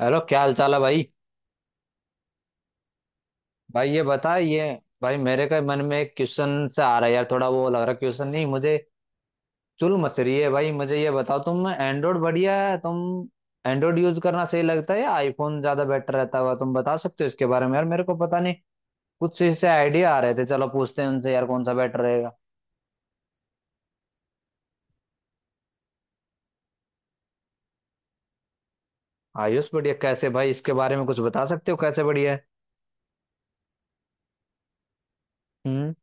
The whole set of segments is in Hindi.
हेलो, क्या हाल चाल है भाई? भाई ये बता ये भाई मेरे का मन में एक क्वेश्चन से आ रहा है यार। थोड़ा वो लग रहा है, क्वेश्चन नहीं मुझे, चुल मच रही है भाई। मुझे ये बताओ, तुम एंड्रॉइड बढ़िया है? तुम एंड्रॉइड यूज करना सही लगता है या आईफोन ज्यादा बेटर रहता हुआ? तुम बता सकते हो इसके बारे में यार? मेरे को पता नहीं, कुछ इससे आइडिया आ रहे थे। चलो पूछते हैं उनसे यार, कौन सा बेटर रहेगा। आयुष बढ़िया कैसे भाई? इसके बारे में कुछ बता सकते हो, कैसे बढ़िया है? हम्म।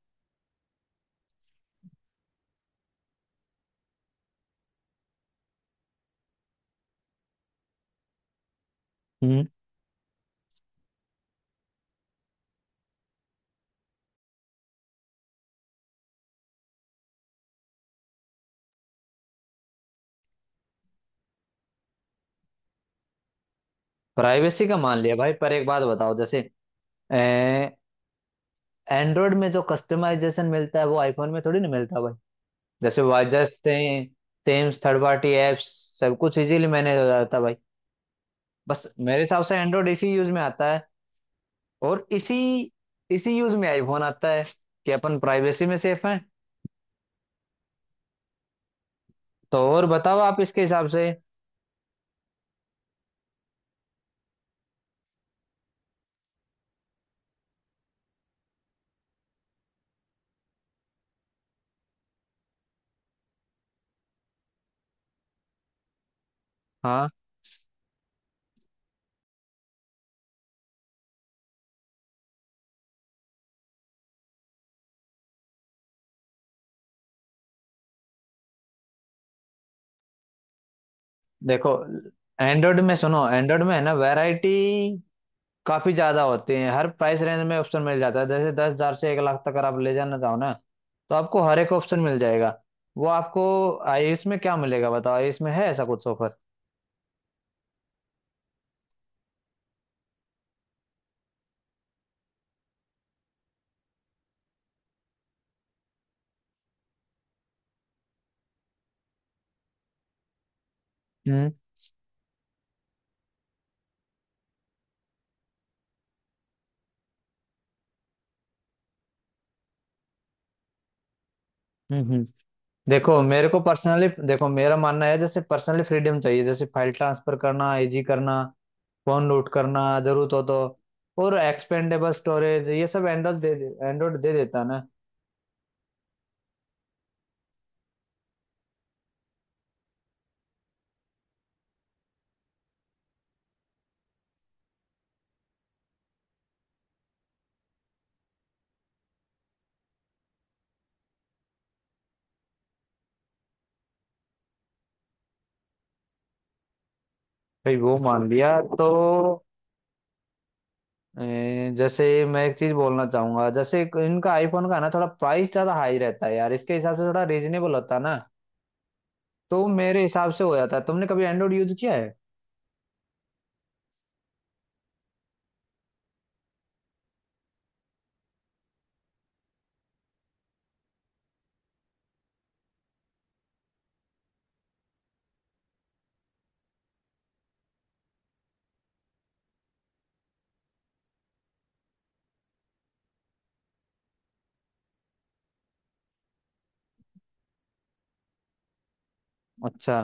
हम्म। प्राइवेसी का मान लिया भाई, पर एक बात बताओ। जैसे एंड्रॉयड में जो कस्टमाइजेशन मिलता है वो आईफोन में थोड़ी ना मिलता भाई। जैसे वाजस्ट, थेम्स, थर्ड पार्टी एप्स, सब कुछ इजीली मैनेज हो जाता भाई। बस मेरे हिसाब से एंड्रॉयड इसी यूज में आता है और इसी इसी यूज में आईफोन आता है, कि अपन प्राइवेसी में सेफ हैं। तो और बताओ आप इसके हिसाब से। हाँ देखो, एंड्रॉयड में सुनो, एंड्रॉयड में है ना वैरायटी काफी ज्यादा होती है। हर प्राइस रेंज में ऑप्शन मिल जाता है। जैसे 10 हजार से 1 लाख तक अगर आप ले जाना चाहो ना, तो आपको हर एक ऑप्शन मिल जाएगा वो आपको। आयुष में क्या मिलेगा बताओ, आयुष में है ऐसा कुछ ऑफर? हम्म। हम्म। हम्म। देखो मेरे को पर्सनली, देखो मेरा मानना है जैसे पर्सनली फ्रीडम चाहिए। जैसे फाइल ट्रांसफर करना, इजी करना, फोन लूट करना जरूरत हो तो, और एक्सपेंडेबल स्टोरेज, ये सब एंड्रॉइड दे देता है ना। भाई वो मान लिया तो, जैसे मैं एक चीज बोलना चाहूंगा, जैसे इनका आईफोन का ना थोड़ा प्राइस ज्यादा हाई रहता है यार, इसके हिसाब से थोड़ा रीजनेबल होता है ना। तो मेरे हिसाब से हो जाता है। तुमने कभी एंड्रॉइड यूज किया है? अच्छा।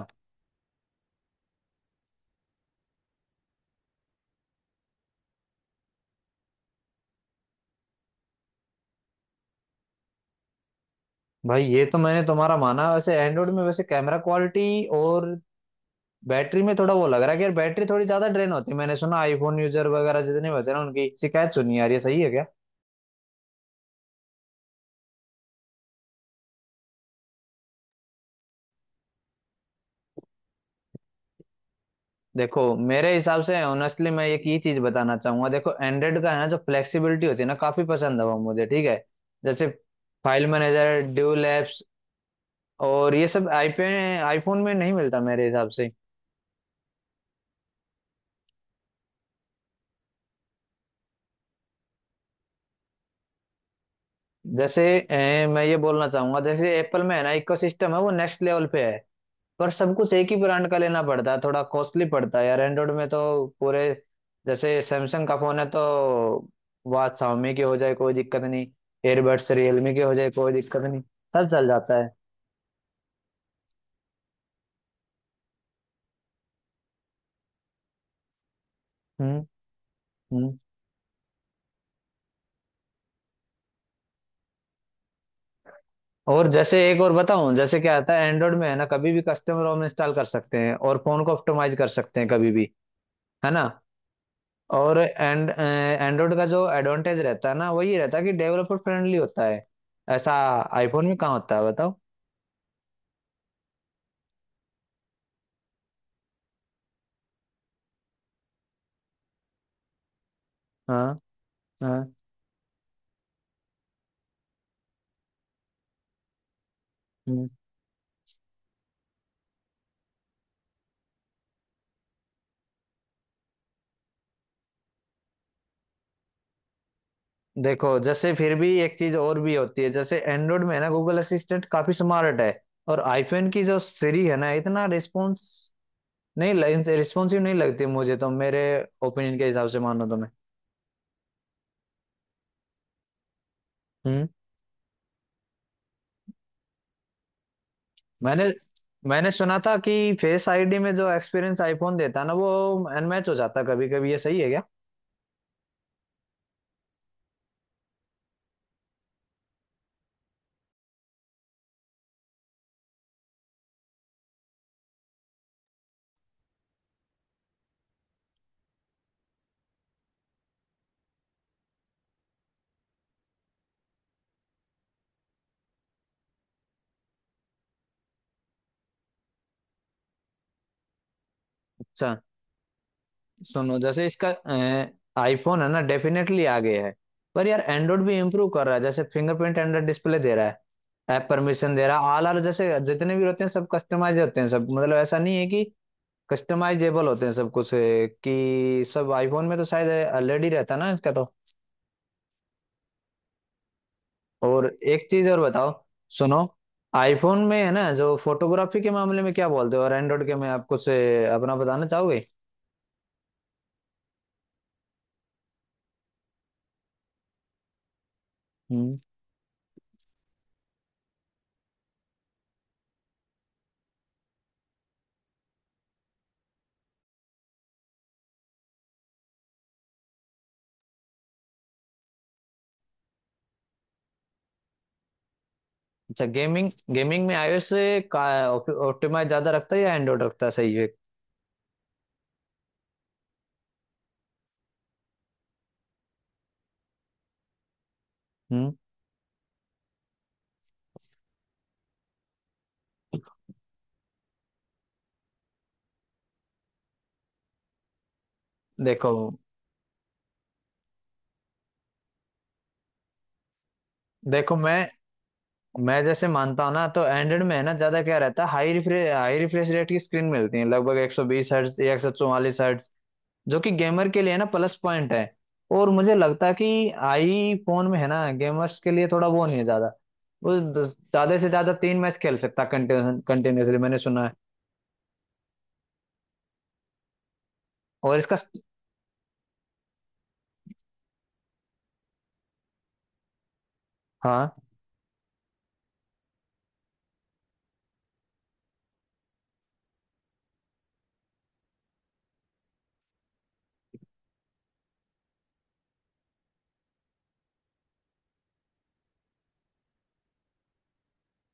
भाई ये तो मैंने तुम्हारा माना। वैसे एंड्रॉइड में, वैसे कैमरा क्वालिटी और बैटरी में थोड़ा वो लग रहा है कि यार बैटरी थोड़ी ज्यादा ड्रेन होती है। मैंने सुना आईफोन यूजर वगैरह जितने बचे ना उनकी शिकायत सुनी यार, ये सही है क्या? देखो मेरे हिसाब से ऑनेस्टली मैं एक ही चीज बताना चाहूंगा। देखो एंड्रॉइड का है ना जो फ्लेक्सिबिलिटी होती है ना, काफी पसंद है वो मुझे, ठीक है। जैसे फाइल मैनेजर, ड्यूल एप्स और ये सब आईपे, आईफोन में नहीं मिलता मेरे हिसाब से। जैसे मैं ये बोलना चाहूंगा। जैसे एप्पल में है ना इकोसिस्टम है वो नेक्स्ट लेवल पे है, पर सब कुछ एक ही ब्रांड का लेना पड़ता है, थोड़ा कॉस्टली पड़ता है यार। एंड्रॉइड में तो पूरे, जैसे सैमसंग का फोन है तो वह शाओमी के हो जाए कोई दिक्कत नहीं, एयरबड्स रियलमी के हो जाए कोई दिक्कत नहीं, सब चल जाता है। हम्म। हम्म। और जैसे एक और बताऊं, जैसे क्या आता है एंड्रॉइड में है ना, कभी भी कस्टम रोम इंस्टॉल कर सकते हैं और फोन को ऑप्टिमाइज कर सकते हैं कभी भी, है ना। और एंड्रॉइड का जो एडवांटेज रहता है ना वो ये रहता है कि डेवलपर फ्रेंडली होता है। ऐसा आईफोन में कहाँ होता है बताओ? हाँ। हाँ। हम्म। देखो जैसे फिर भी एक चीज और भी होती है, जैसे एंड्रॉइड में है ना गूगल असिस्टेंट काफी स्मार्ट है, और आईफोन की जो सीरी है ना इतना रिस्पॉन्स नहीं, रिस्पॉन्सिव नहीं लगती मुझे तो, मेरे ओपिनियन के हिसाब से मानो तो मैं। हम्म। मैंने मैंने सुना था कि फेस आईडी में जो एक्सपीरियंस आईफोन देता है ना, वो अनमैच हो जाता कभी कभी, ये सही है क्या? अच्छा। सुनो जैसे इसका, आईफोन है ना डेफिनेटली आगे है, पर यार एंड्रॉइड भी इम्प्रूव कर रहा है। जैसे फिंगरप्रिंट एंड्रॉइड डिस्प्ले दे रहा है, ऐप परमिशन दे रहा है, ऑल आर जैसे जितने भी होते हैं सब कस्टमाइज होते हैं सब, मतलब ऐसा नहीं है कि, कस्टमाइजेबल होते हैं सब कुछ, कि सब आईफोन में तो शायद ऑलरेडी रहता है ना इसका तो। और एक चीज और बताओ, सुनो, आईफोन में है ना जो फोटोग्राफी के मामले में क्या बोलते हो और एंड्रॉइड के में आप कुछ अपना बताना चाहोगे? अच्छा। गेमिंग, गेमिंग में iOS से का ऑप्टिमाइज ज्यादा रखता है या एंड्रॉइड रखता है, सही है? हम्म। देखो देखो मैं जैसे मानता हूँ ना, तो एंड्रॉइड में है ना ज्यादा क्या रहता है, हाई रिफ्रेश रेट की स्क्रीन मिलती है, लगभग 120 हर्ट्ज या 144 हर्ट्ज, जो कि गेमर के लिए है ना प्लस पॉइंट है। और मुझे लगता है कि आई फोन में है ना गेमर्स के लिए थोड़ा वो नहीं है ज्यादा। ज्यादा से ज्यादा तीन मैच खेल सकता कंटिन्यूसली, मैंने सुना है। और इसका, हाँ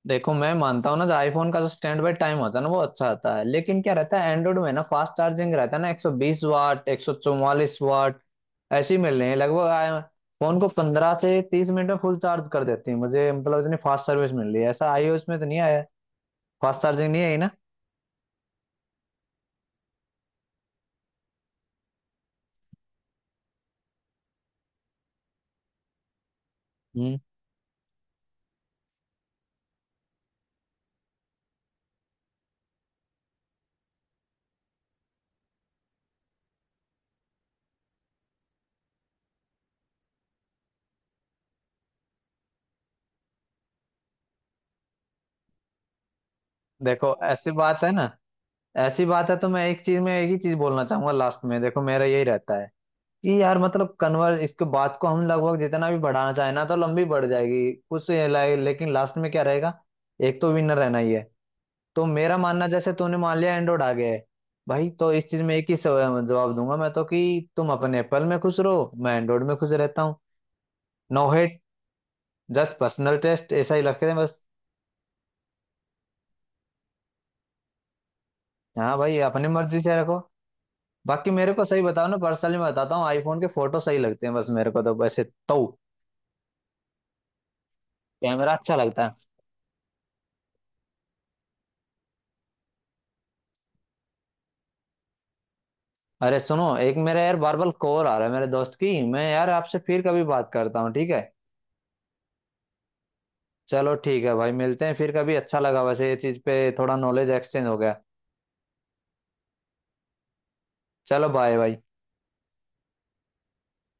देखो मैं मानता हूँ ना, जो आईफोन का जो स्टैंड बाय टाइम होता है ना वो अच्छा आता है। लेकिन क्या रहता है एंड्रॉइड में ना, फास्ट चार्जिंग रहता है ना, 120 वाट, 144 वाट ऐसे ही मिल रहे हैं लगभग। फोन को 15 से 30 मिनट में फुल चार्ज कर देती है मुझे, मतलब इतनी फास्ट सर्विस मिल रही है। ऐसा आईओएस में तो नहीं आया, फास्ट चार्जिंग नहीं आई ना। हम्म। देखो ऐसी बात है ना, ऐसी बात है तो मैं एक ही चीज बोलना चाहूंगा लास्ट में। देखो मेरा यही रहता है कि यार मतलब कन्वर्स इसके बात को हम लगभग जितना भी बढ़ाना चाहे ना तो लंबी बढ़ जाएगी लेकिन लास्ट में क्या रहेगा, एक तो विनर रहना ही है। तो मेरा मानना, जैसे तूने मान लिया एंड्रॉइड आ गया है भाई, तो इस चीज में एक ही जवाब दूंगा मैं तो, कि तुम अपने एप्पल में खुश रहो, मैं एंड्रॉइड में खुश रहता हूँ। No hate, just personal taste ऐसा ही रख रहे हैं बस। हाँ भाई, अपनी मर्जी से रखो। बाकी मेरे को सही बताओ ना, पर्सनली मैं बताता हूँ आईफोन के फोटो सही लगते हैं बस मेरे को तो, वैसे तो कैमरा अच्छा लगता है। अरे सुनो, एक मेरा यार बार बार कॉल आ रहा है मेरे दोस्त की, मैं यार आपसे फिर कभी बात करता हूँ ठीक है? चलो ठीक है भाई, मिलते हैं फिर कभी। अच्छा लगा वैसे, ये चीज पे थोड़ा नॉलेज एक्सचेंज हो गया। चलो बाय भाई।